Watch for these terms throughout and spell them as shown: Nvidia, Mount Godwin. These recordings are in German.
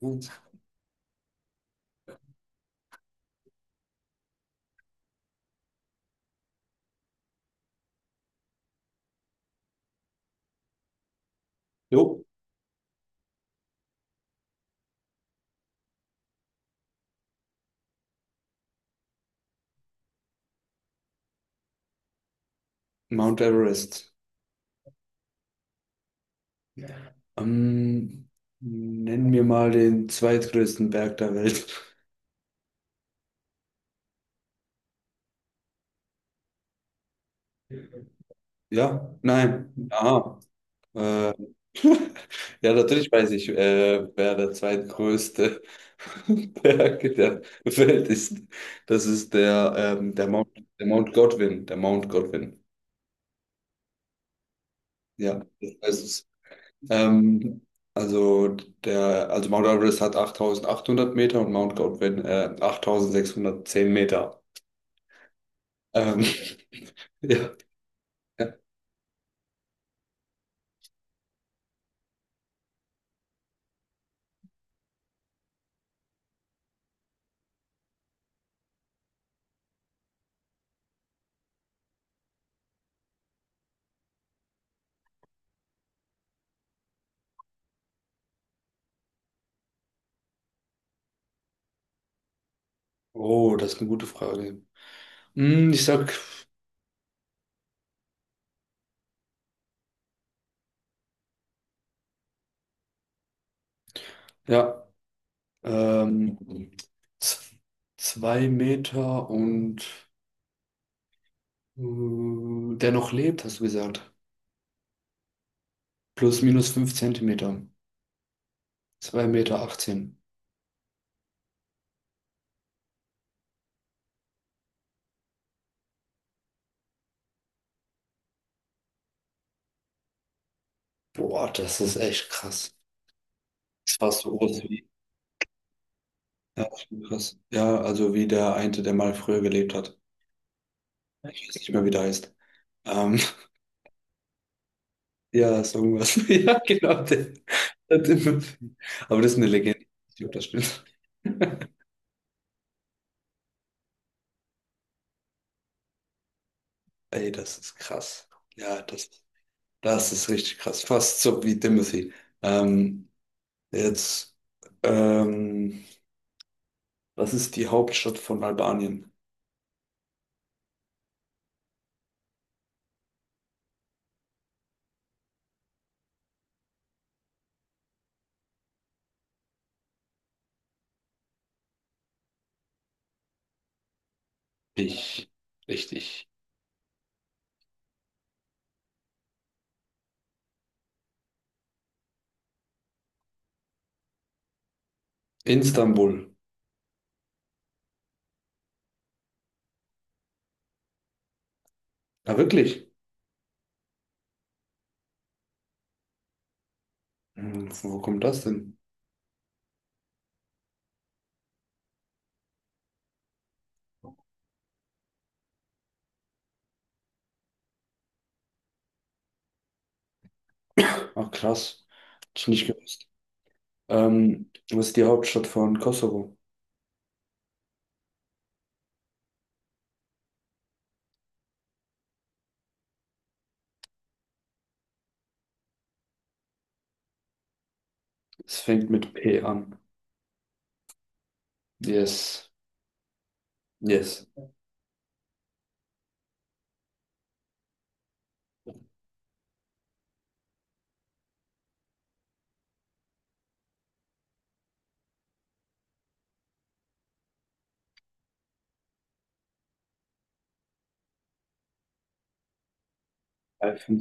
Gut. Jo, Mount Everest. Ja. Ähm, Nenn mir mal den zweitgrößten Berg der Welt. Ja, nein. Ah, äh, ja, natürlich weiß ich, wer der zweitgrößte Berg der Welt ist. Das ist der Mount, der Mount Godwin. Ja, das weißt du. Ähm, also, Mount Everest hat 8800 Meter und Mount Godwin 8610 Meter. Ähm, ja, ja. Oh, das ist eine gute Frage. Ich sag, ja, ähm, z- zwei Meter und äh, der noch lebt, hast du gesagt. Plus minus fünf Zentimeter. Zwei Meter achtzehn. Boah, das ist echt krass. Das war so groß. Ja, das ist schon krass. Ja, also wie der eine, der mal früher gelebt hat. Ich weiß nicht mehr, wie der heißt. Ähm, ja, so irgendwas. Ja, genau, der Tim. Aber das ist eine Legende. Ich glaub, das stimmt. Ey, das ist krass. Ja, das ist richtig krass. Fast so wie Timothy. Ähm, Jetzt, ähm, was ist die Hauptstadt von Albanien? Ich, Richtig. Istanbul. Ja, wirklich? Wo kommt das denn? Ach, krass. Hätte ich nicht gewusst. Was ist die Hauptstadt von Kosovo? Es fängt mit P an. Yes, yes.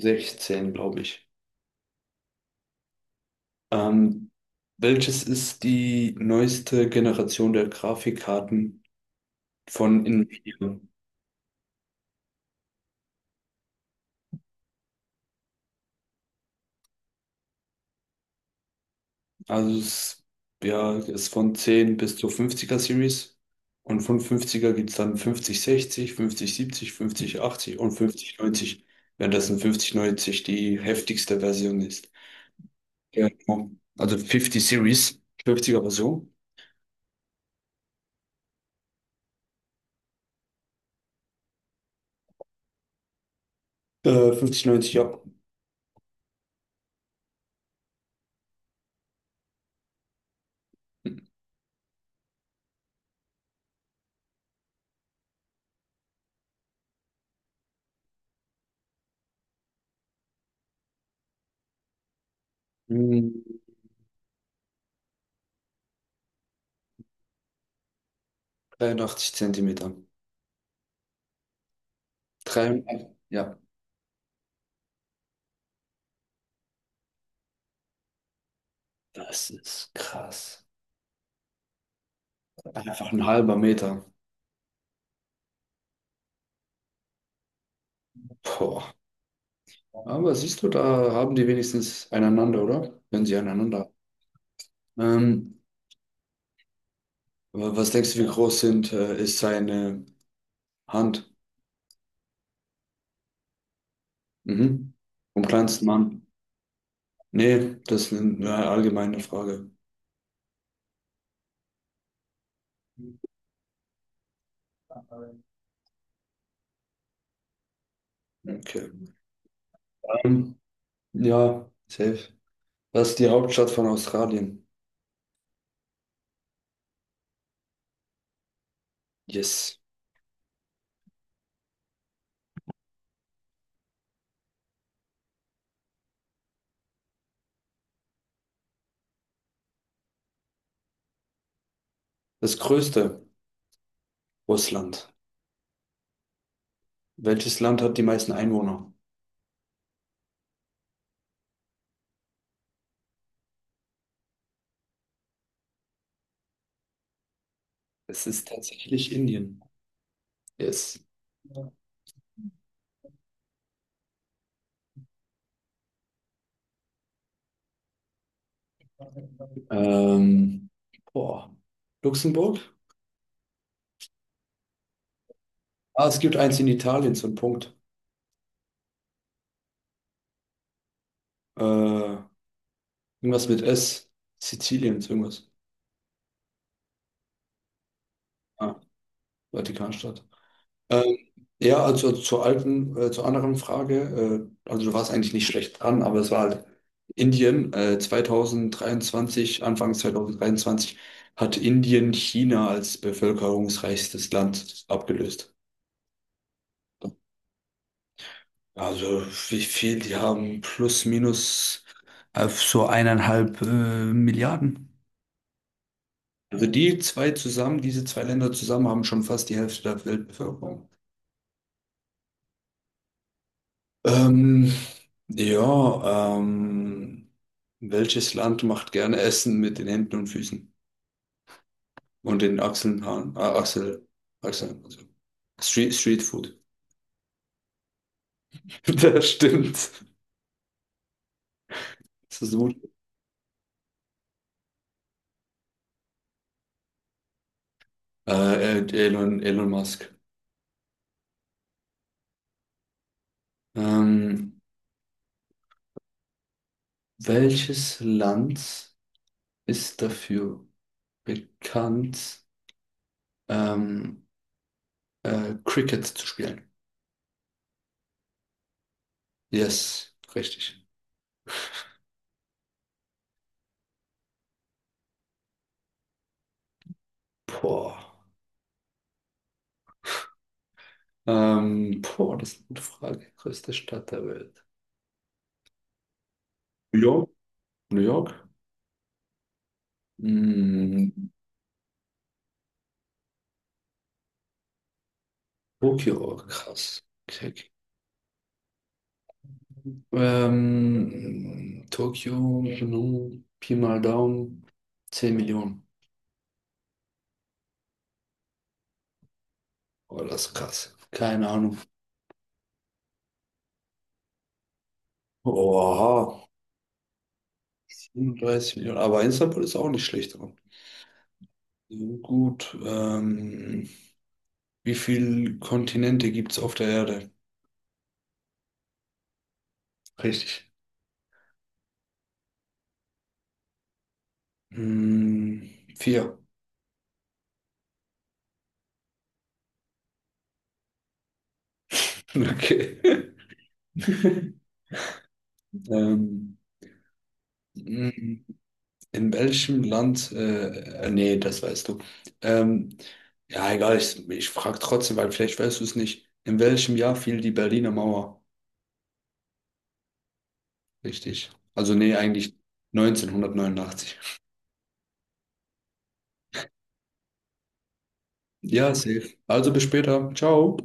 16, glaube ich. Ähm, Welches ist die neueste Generation der Grafikkarten von Nvidia? Also es ist von 10 bis zur 50er Series. Und von 50er gibt es dann 5060, 5070, 5080 und 5090, währenddessen 5090 die heftigste Version ist. Ja, genau. Also 50 Series, 50er Version. 5090, ja. Hm, 83 Zentimeter. 83, ja. Das ist krass. Einfach ein halber Meter. Boah. Aber siehst du, da haben die wenigstens einander, oder? Wenn sie einander. Ähm, Was denkst du, wie groß ist seine Hand? Mhm. Vom kleinsten Mann? Nee, das ist eine allgemeine Frage. Okay. Ähm, ja, safe. Was ist die Hauptstadt von Australien? Yes. Das größte Russland. Welches Land hat die meisten Einwohner? Es ist tatsächlich Indien. Yes. Ähm, Boah. Luxemburg? Ah, es gibt eins in Italien, so ein Punkt. Äh, Irgendwas mit S. Sizilien, so irgendwas. Ah, Vatikanstadt. Ähm, ja, also zur anderen Frage, also du warst eigentlich nicht schlecht dran, aber es war halt Indien, 2023, Anfang 2023 hat Indien China als bevölkerungsreichstes Land abgelöst. Also die haben plus minus so eineinhalb Milliarden. Also diese zwei Länder zusammen haben schon fast die Hälfte der Weltbevölkerung. Ähm, ja, welches Land macht gerne Essen mit den Händen und Füßen und den Achseln, Haaren, Achseln, also Street Food. Das stimmt. Das ist gut. Elon Musk. Ähm, Welches Land ist dafür bekannt, ähm, Cricket zu spielen? Yes, richtig. Boah. Boah, das ist eine gute Frage. Größte Stadt der Welt. New York? New York? Mm, Tokio, krass. Okay. Okay. Tokio, nun, Pi mal Daumen, 10 Millionen. Oh, das ist krass. Keine Ahnung. Oha, 37 Millionen. Aber Istanbul ist auch nicht schlecht dran. So gut, wie viele Kontinente gibt es auf der Erde? Richtig. Mm, Vier. Okay. Ähm, in welchem Land? Nee, das weißt du. Ähm, ja, egal, ich frage trotzdem, weil vielleicht weißt du es nicht. In welchem Jahr fiel die Berliner Mauer? Richtig. Also nee, eigentlich 1989. Ja, safe. Also bis später. Ciao.